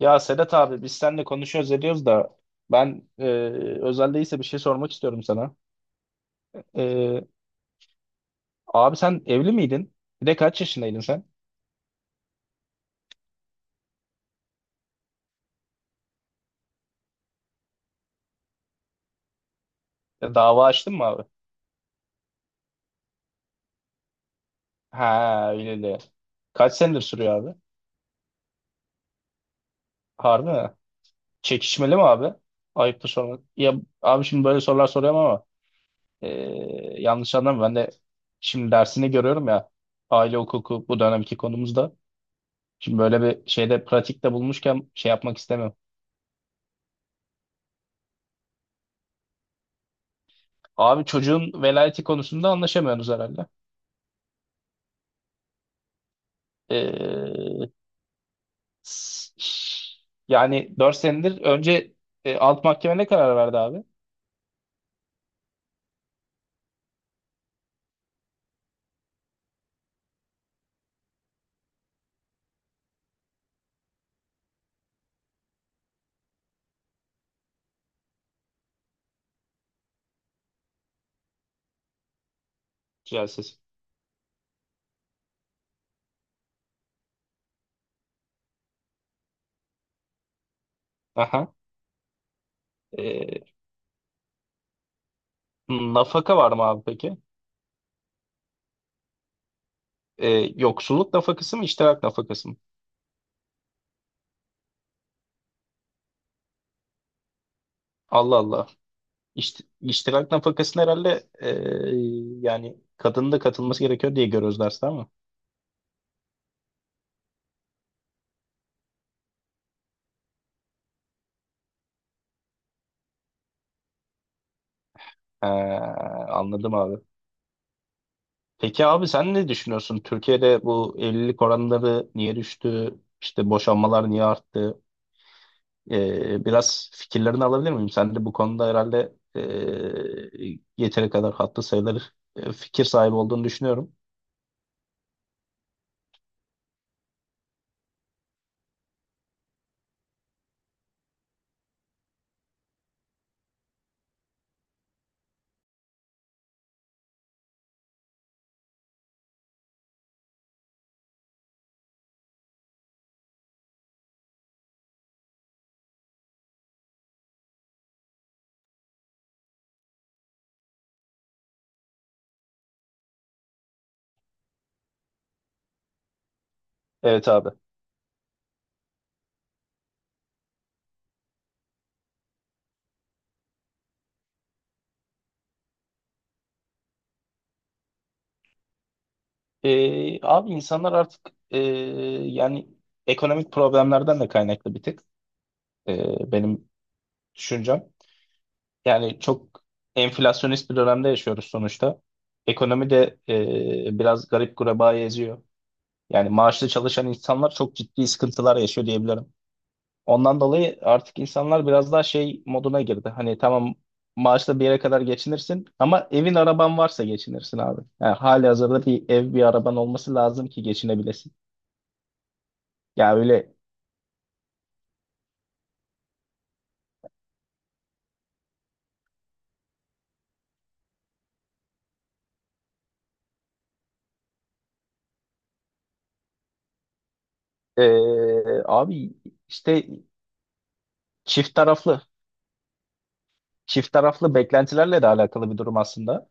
Ya Sedat abi biz seninle konuşuyoruz ediyoruz da ben e, özel değilse bir şey sormak istiyorum sana. E, abi sen evli miydin? Bir de kaç yaşındaydın sen? Ya dava açtın mı abi? Ha öyle de. Kaç senedir sürüyor abi? Harbi mi? Çekişmeli mi abi? Ayıptır sormak. Ya abi şimdi böyle sorular soruyorum ama e, yanlış anlama ben de şimdi dersini görüyorum ya aile hukuku bu dönemki konumuzda. Şimdi böyle bir şeyde pratikte bulmuşken şey yapmak istemiyorum. Abi çocuğun velayeti konusunda anlaşamıyorsunuz herhalde. Ee, s- yani 4 senedir önce alt mahkeme ne karar verdi abi? Güzel ses. Aha. Ee, nafaka var mı abi peki? Ee, yoksulluk nafakası mı, iştirak nafakası mı? Allah Allah. İşte, iştirak nafakasını herhalde yani kadının da katılması gerekiyor diye görüyoruz derste ama. Ee, anladım abi. Peki abi sen ne düşünüyorsun? Türkiye'de bu evlilik oranları niye düştü? İşte boşanmalar niye arttı? Biraz fikirlerini alabilir miyim? Sen de bu konuda herhalde yeteri kadar hatta sayılır fikir sahibi olduğunu düşünüyorum. Evet abi. Abi insanlar artık yani ekonomik problemlerden de kaynaklı bir tık benim düşüncem. Yani çok enflasyonist bir dönemde yaşıyoruz sonuçta. Ekonomi de biraz garip gureba eziyor. Yani maaşlı çalışan insanlar çok ciddi sıkıntılar yaşıyor diyebilirim. Ondan dolayı artık insanlar biraz daha şey moduna girdi. Hani tamam maaşla bir yere kadar geçinirsin ama evin araban varsa geçinirsin abi. Yani hali hazırda bir ev bir araban olması lazım ki geçinebilesin. Ya öyle abi işte çift taraflı çift taraflı beklentilerle de alakalı bir durum aslında.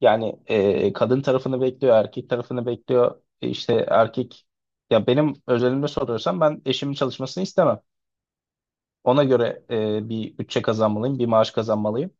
Yani kadın tarafını bekliyor, erkek tarafını bekliyor. İşte erkek ya benim özelimde soruyorsan ben eşimin çalışmasını istemem. Ona göre bir bütçe kazanmalıyım, bir maaş kazanmalıyım.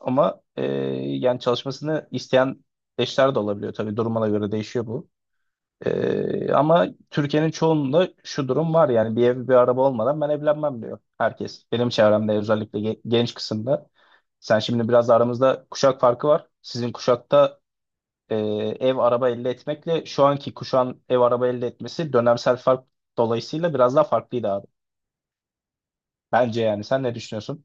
Ama yani çalışmasını isteyen eşler de olabiliyor tabii durumuna göre değişiyor bu. Ama Türkiye'nin çoğunda şu durum var yani bir ev bir araba olmadan ben evlenmem diyor herkes. Benim çevremde özellikle genç kısımda. Sen şimdi biraz da aramızda kuşak farkı var. Sizin kuşakta e, ev araba elde etmekle şu anki kuşağın ev araba elde etmesi dönemsel fark dolayısıyla biraz daha farklıydı abi. Bence yani sen ne düşünüyorsun?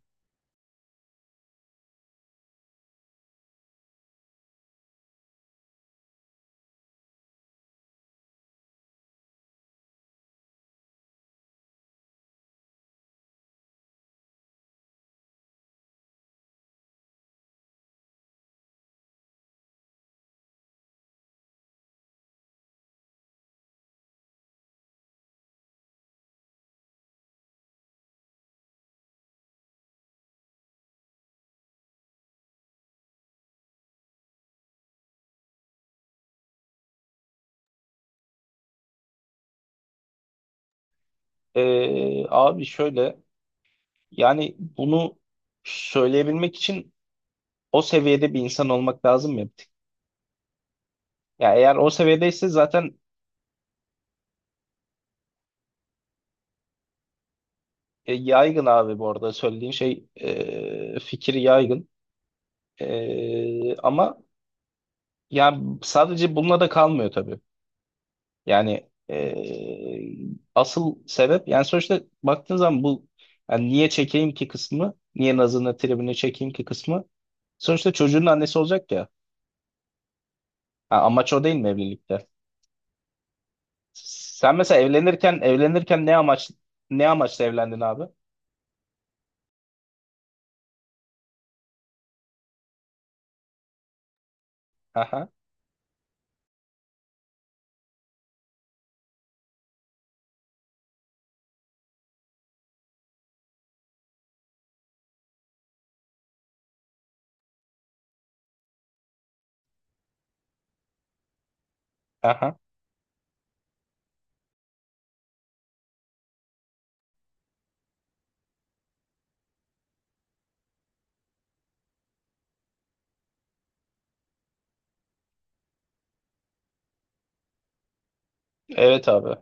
Abi şöyle yani bunu söyleyebilmek için o seviyede bir insan olmak lazım ya bir tık. Ya eğer o seviyedeyse zaten yaygın abi bu arada söylediğin şey fikir yaygın. Ama yani sadece bununla da kalmıyor tabii. Yani asıl sebep yani sonuçta baktığın zaman bu yani niye çekeyim ki kısmı, niye nazını tribini çekeyim ki kısmı sonuçta çocuğun annesi olacak ya. Ha, amaç o değil mi evlilikte? Sen mesela evlenirken ne amaç ne amaçla evlendin abi? Aha, aha. Evet abi.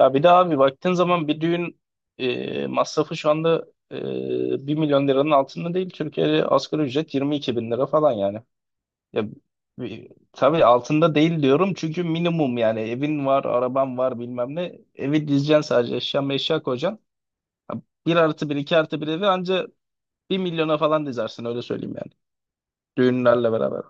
Ya bir de abi baktığın zaman bir düğün masrafı şu anda 1 milyon liranın altında değil. Türkiye'de asgari ücret 22 bin lira falan yani. Ya tabii altında değil diyorum çünkü minimum yani evin var, araban var bilmem ne. Evi dizeceksin sadece eşya meşya koyacaksın. Ha, bir artı bir, iki artı bir evi anca bir milyona falan dizersin öyle söyleyeyim yani. Düğünlerle beraber.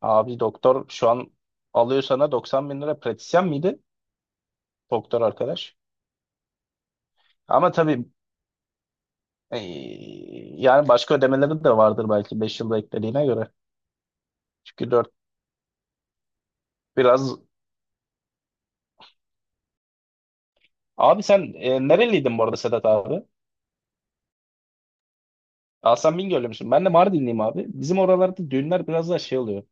Abi doktor şu an alıyor sana 90 bin lira pratisyen miydi? Doktor arkadaş. Ama tabii e, yani başka ödemeleri de vardır belki 5 yılda eklediğine göre. Çünkü 4 biraz... Abi sen nereliydin bu arada Sedat abi? Hasan Bingöl'lü müsün? Ben de Mardinliyim abi. Bizim oralarda düğünler biraz daha şey oluyor.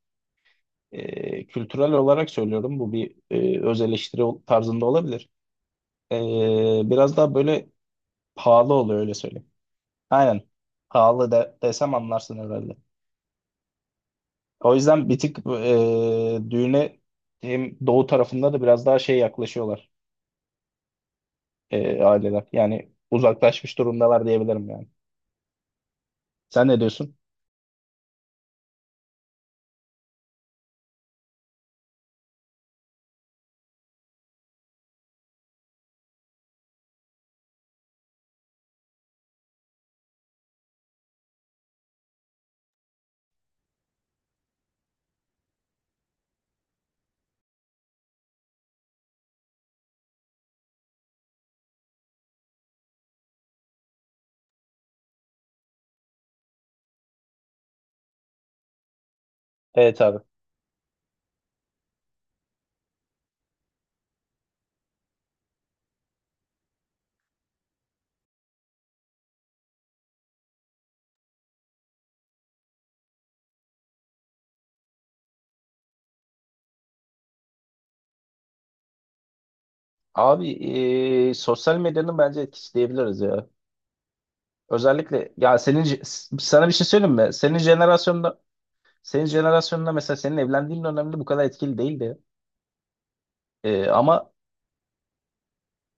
Kültürel olarak söylüyorum. Bu bir öz eleştiri tarzında olabilir. Biraz daha böyle pahalı oluyor öyle söyleyeyim. Aynen. Pahalı desem anlarsın herhalde. O yüzden bir tık düğüne hem doğu tarafında da biraz daha şey yaklaşıyorlar aileler. Yani uzaklaşmış durumdalar diyebilirim yani. Sen ne diyorsun? Evet abi. Abi sosyal medyanın bence etkisi diyebiliriz ya. Özellikle ya senin sana bir şey söyleyeyim mi? Senin jenerasyonda mesela senin evlendiğin dönemde bu kadar etkili değildi. Ama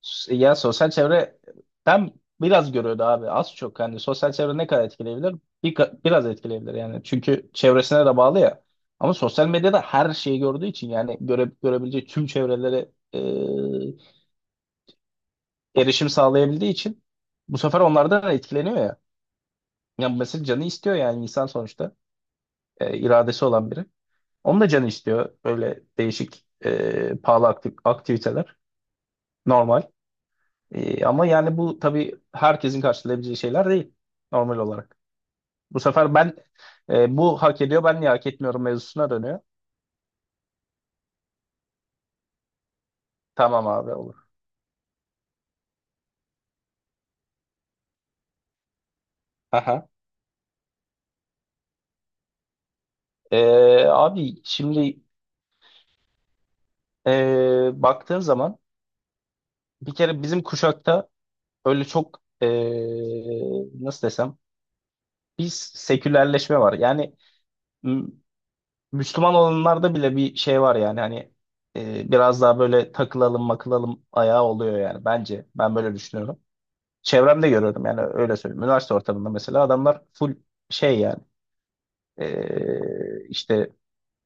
ya sosyal çevre ben biraz görüyordu abi az çok hani sosyal çevre ne kadar etkileyebilir? Biraz etkileyebilir yani. Çünkü çevresine de bağlı ya. Ama sosyal medyada her şeyi gördüğü için yani görebileceği tüm çevrelere erişim sağlayabildiği için bu sefer onlardan etkileniyor ya. Yani mesela canı istiyor yani insan sonuçta iradesi olan biri. Onun da canı istiyor böyle değişik pahalı aktiviteler. Normal. Ama yani bu tabii herkesin karşılayabileceği şeyler değil normal olarak. Bu sefer ben bu hak ediyor ben niye hak etmiyorum mevzusuna dönüyor. Tamam abi olur. Aha. E, abi şimdi baktığın zaman bir kere bizim kuşakta öyle çok nasıl desem biz sekülerleşme var. Yani m, Müslüman olanlarda bile bir şey var yani hani biraz daha böyle takılalım makılalım ayağı oluyor yani bence ben böyle düşünüyorum. Çevremde görüyorum yani öyle söyleyeyim. Üniversite ortamında mesela adamlar full şey yani işte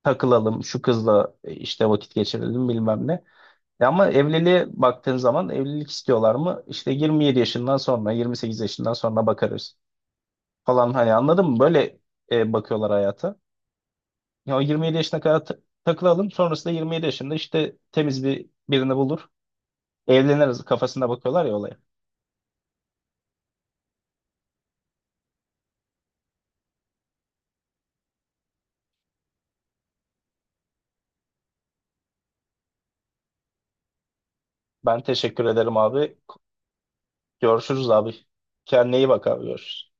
takılalım şu kızla işte vakit geçirelim bilmem ne. Ya ama evliliğe baktığın zaman evlilik istiyorlar mı? İşte 27 yaşından sonra 28 yaşından sonra bakarız falan hani anladın mı? Böyle bakıyorlar hayata. Ya o 27 yaşına kadar takılalım. Sonrasında 27 yaşında işte temiz bir birini bulur. Evleniriz kafasına bakıyorlar ya olaya. Ben teşekkür ederim abi. Görüşürüz abi. Kendine iyi bak abi görüşürüz.